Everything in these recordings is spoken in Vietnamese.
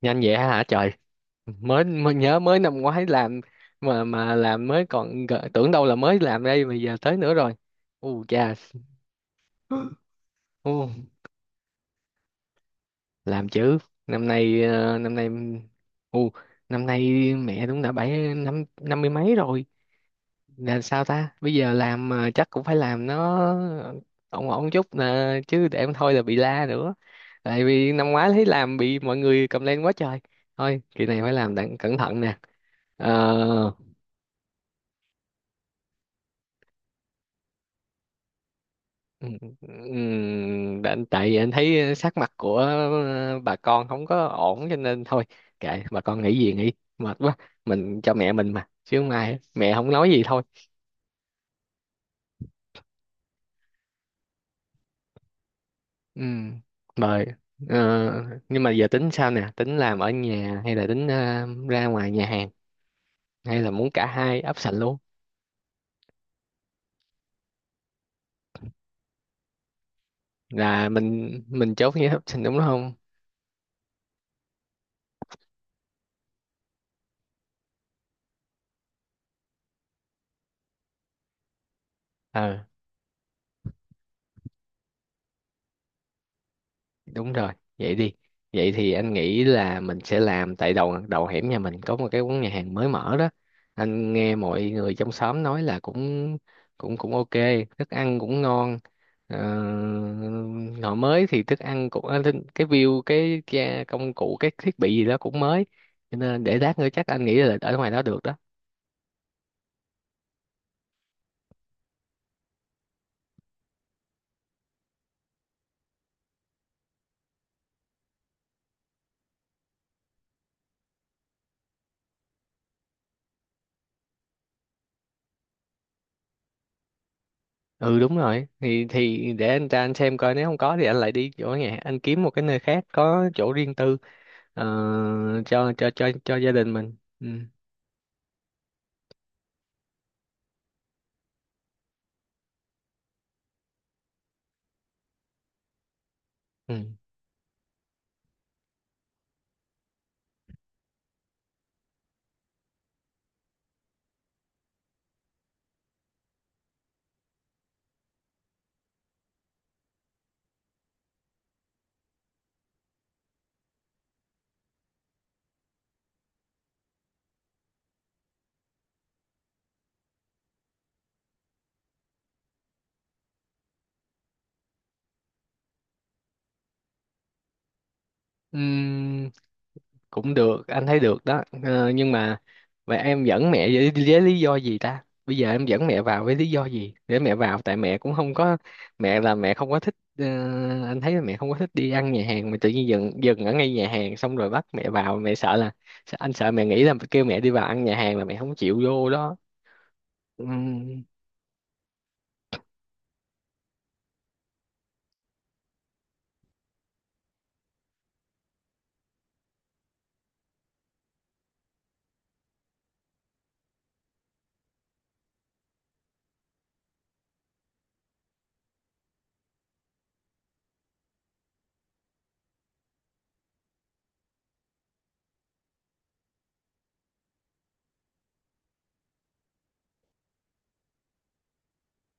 Nhanh vậy hả trời. Mới nhớ mới năm ngoái làm, mà làm mới còn tưởng đâu là mới làm đây mà giờ tới nữa rồi. U chà. U. Làm chứ. Năm nay, năm nay, u năm nay mẹ đúng đã bảy năm năm mươi mấy rồi, là sao ta? Bây giờ làm mà chắc cũng phải làm nó ổn ổn chút nè, chứ để không thôi là bị la nữa. Tại vì năm ngoái thấy làm bị mọi người cầm lên quá trời, thôi kỳ này phải làm đặng cẩn thận nè. Ờ. Ừ, ừ, tại vì anh thấy sắc mặt của bà con không có ổn, cho nên thôi kệ bà con nghĩ gì nghĩ, mệt quá. Mình cho mẹ mình mà, chứ không ai, mẹ không nói gì thôi. Ừ, mời. Ờ, nhưng mà giờ tính sao nè, tính làm ở nhà hay là tính ra ngoài nhà hàng, hay là muốn cả hai option luôn? Là mình chốt với option, đúng không? Ờ, đúng rồi, vậy đi. Vậy thì anh nghĩ là mình sẽ làm tại đầu đầu hẻm nhà mình có một cái quán nhà hàng mới mở đó. Anh nghe mọi người trong xóm nói là cũng cũng cũng ok, thức ăn cũng ngon. ờ, Ngõ mới thì thức ăn cũng cái view, cái công cụ cái thiết bị gì đó cũng mới, cho nên để lát nữa chắc anh nghĩ là ở ngoài đó được đó. Ừ đúng rồi, thì để anh ra anh xem coi, nếu không có thì anh lại đi chỗ nhà anh kiếm một cái nơi khác có chỗ riêng tư. Ờ, cho gia đình mình, ừ. Ừ. Ừm, cũng được, anh thấy được đó. Ờ, nhưng mà vậy em dẫn mẹ với lý do gì ta? Bây giờ em dẫn mẹ vào với lý do gì để mẹ vào? Tại mẹ cũng không có, mẹ là mẹ không có thích, anh thấy là mẹ không có thích đi ăn nhà hàng, mà tự nhiên dừng dừng ở ngay nhà hàng xong rồi bắt mẹ vào, mẹ sợ là, anh sợ mẹ nghĩ là kêu mẹ đi vào ăn nhà hàng là mẹ không chịu vô đó. Ừm,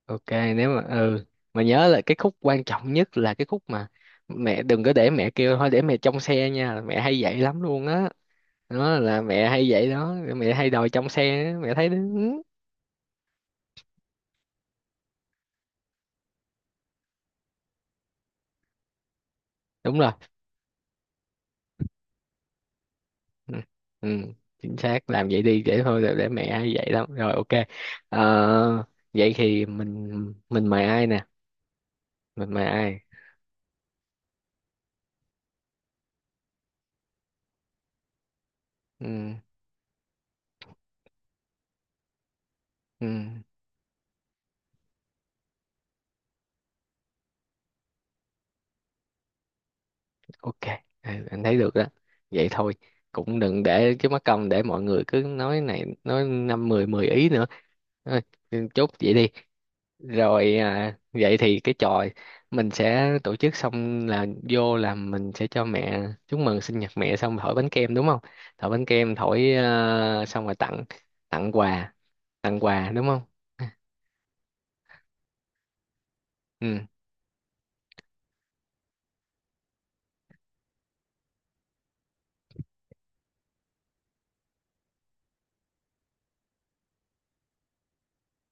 ok. Nếu mà ừ, mà nhớ là cái khúc quan trọng nhất là cái khúc mà mẹ đừng có, để mẹ kêu thôi để mẹ trong xe nha, mẹ hay vậy lắm luôn á. Đó, là mẹ hay vậy đó, mẹ hay đòi trong xe á, mẹ thấy đúng. Đúng rồi. Ừ. Ừ, chính xác làm vậy đi, để thôi để mẹ hay vậy lắm rồi, ok. Ờ, vậy thì mình mời ai nè, mình mời ai? Ừ. Ừ. Ok, ừ, anh thấy được đó, vậy thôi. Cũng đừng để cái mắc công, để mọi người cứ nói này nói năm mười mười ý nữa. Thôi, chốt vậy đi. Rồi à, vậy thì cái trò mình sẽ tổ chức xong là vô, là mình sẽ cho mẹ chúc mừng sinh nhật mẹ xong thổi bánh kem, đúng không? Thổi bánh kem thổi, à, xong rồi tặng, tặng quà, tặng quà đúng không? Ừ.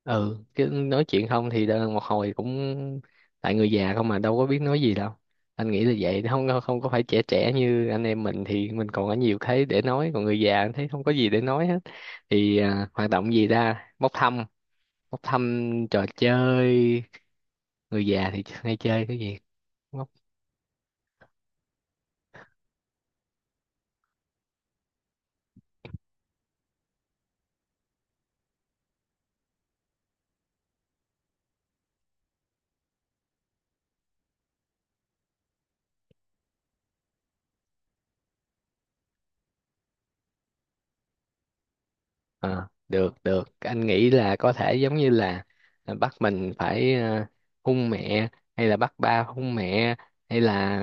ừ Cứ nói chuyện không thì một hồi cũng, tại người già không mà đâu có biết nói gì đâu. Anh nghĩ là vậy, không không có phải trẻ trẻ như anh em mình thì mình còn có nhiều thế để nói, còn người già anh thấy không có gì để nói hết. Thì à, hoạt động gì ra bốc thăm, bốc thăm trò chơi. Người già thì hay chơi cái gì? Ờ, được, được, anh nghĩ là có thể giống như là à, bắt mình phải hung mẹ, hay là bắt ba hung mẹ, hay là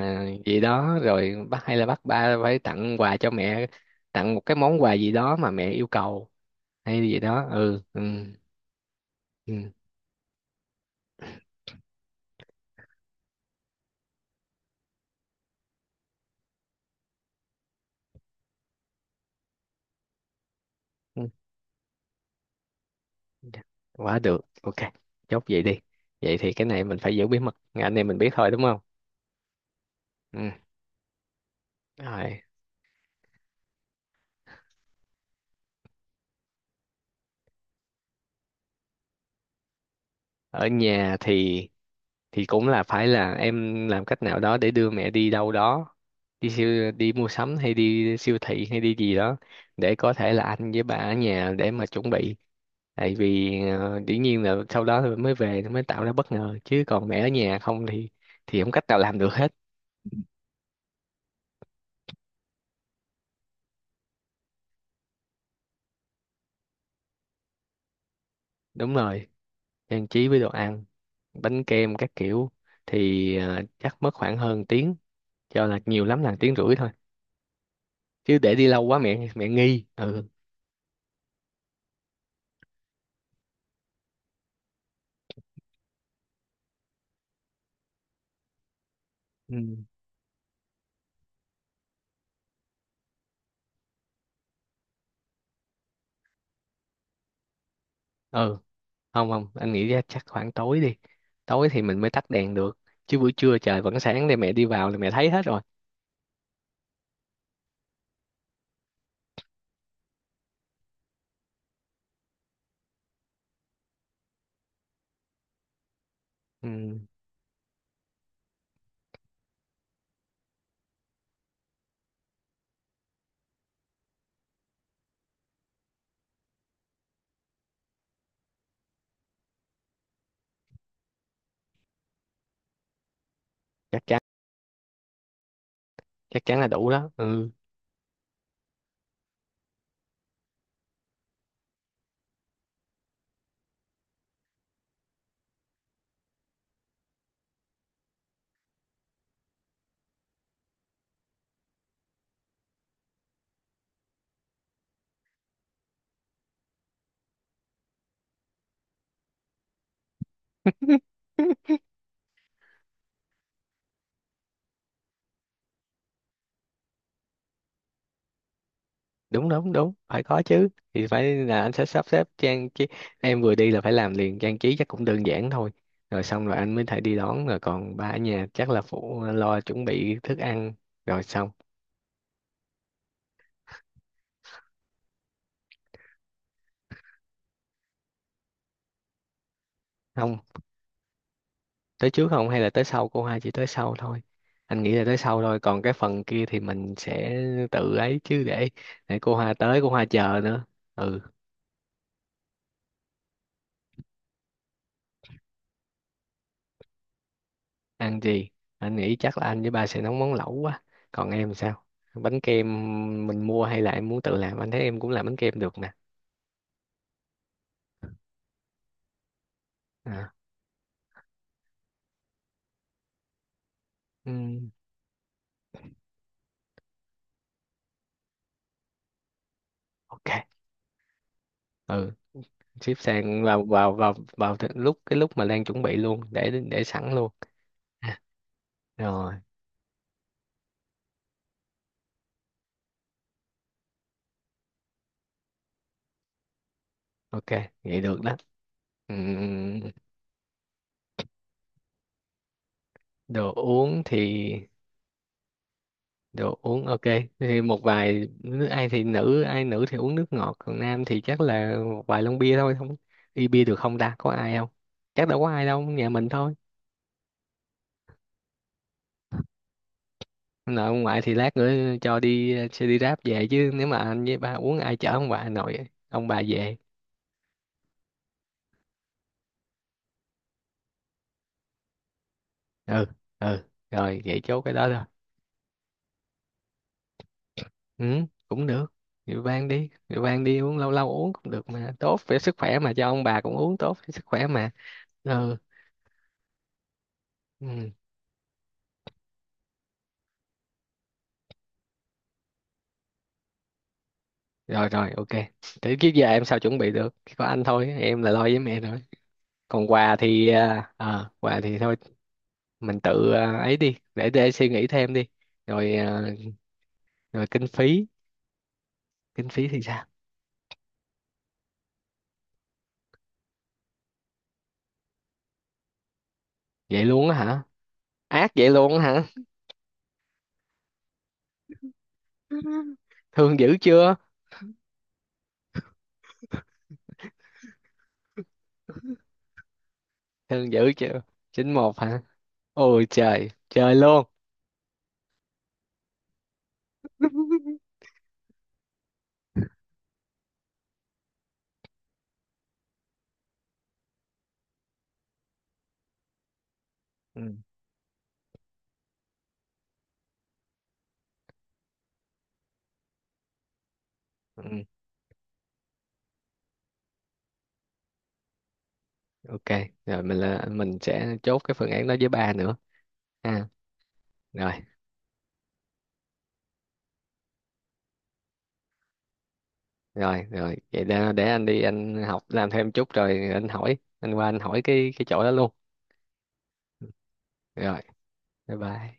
gì đó rồi bắt, hay là bắt ba phải tặng quà cho mẹ, tặng một cái món quà gì đó mà mẹ yêu cầu, hay gì đó. Ừ, ừ, ừ, ừ. Quá được, ok, chốt vậy đi. Vậy thì cái này mình phải giữ bí mật, anh em mình biết thôi đúng không? Ừ. Rồi. Ở nhà thì cũng là phải là em làm cách nào đó để đưa mẹ đi đâu đó, đi siêu, đi mua sắm hay đi siêu thị hay đi gì đó, để có thể là anh với bà ở nhà để mà chuẩn bị. Tại vì dĩ nhiên là sau đó thì mới về thì mới tạo ra bất ngờ, chứ còn mẹ ở nhà không thì không cách nào làm được hết. Đúng rồi, trang trí với đồ ăn, bánh kem các kiểu. Thì chắc mất khoảng hơn tiếng, cho là nhiều lắm là tiếng rưỡi thôi, chứ để đi lâu quá mẹ mẹ nghi. Ừ. Ừ không không, anh nghĩ ra chắc khoảng tối đi, tối thì mình mới tắt đèn được, chứ buổi trưa trời vẫn sáng, để mẹ đi vào là mẹ thấy hết rồi. Ừ, chắc chắn, chắc chắn là đủ đó, ừ. Đúng đúng đúng, phải có chứ, thì phải là anh sẽ sắp xếp trang trí. Em vừa đi là phải làm liền, trang trí chắc cũng đơn giản thôi. Rồi xong rồi anh mới thể đi đón, rồi còn ba ở nhà chắc là phụ lo chuẩn bị thức ăn, rồi xong. Không, tới trước không hay là tới sau? Cô hai chỉ tới sau thôi, anh nghĩ là tới sau thôi, còn cái phần kia thì mình sẽ tự ấy, chứ để cô Hoa tới cô Hoa chờ nữa. Ừ. Ăn gì? Anh nghĩ chắc là anh với ba sẽ nấu món lẩu quá. Còn em sao, bánh kem mình mua hay là em muốn tự làm? Anh thấy em cũng làm bánh kem được nè. À, ừm, ok, ừ, ship sang vào vào vào vào th- lúc lúc mà Lan chuẩn bị luôn, để sẵn luôn. À. Rồi ok, vậy được đó. Ừm, đồ uống thì, đồ uống ok, thì một vài nước, ai thì nữ, ai nữ thì uống nước ngọt, còn nam thì chắc là một vài lon bia thôi. Không, đi bia được không ta, có ai không? Chắc đâu có ai đâu, nhà mình thôi. Nội ông ngoại thì lát nữa cho đi xe đi Grab về, chứ nếu mà anh với ba uống ai chở ông bà nội ông bà về? Ừ, ừ, rồi vậy chốt cái đó rồi. Ừ, cũng được, rượu vang đi, rượu vang đi, uống lâu lâu uống cũng được mà, tốt về sức khỏe mà, cho ông bà cũng uống tốt cho sức khỏe mà. Ừ. Ừ. Rồi rồi ok. Thế kiếp giờ em sao chuẩn bị được, chỉ có anh thôi, em là lo với mẹ thôi. Còn quà thì à, à, quà thì thôi mình tự à, ấy đi, để suy nghĩ thêm đi. Rồi à. Rồi kinh phí, kinh phí thì sao? Vậy luôn á hả? Ác vậy luôn á hả? Thương dữ chưa? Thương dữ chưa? Chín một hả? Ôi trời trời luôn. Ừ, ừ, ok. Rồi mình là mình sẽ chốt cái phương án đó với ba nữa, ha? Rồi rồi. Rồi vậy để anh đi anh học làm thêm chút, rồi anh hỏi, anh qua anh hỏi cái chỗ đó luôn. Rồi, bye bye.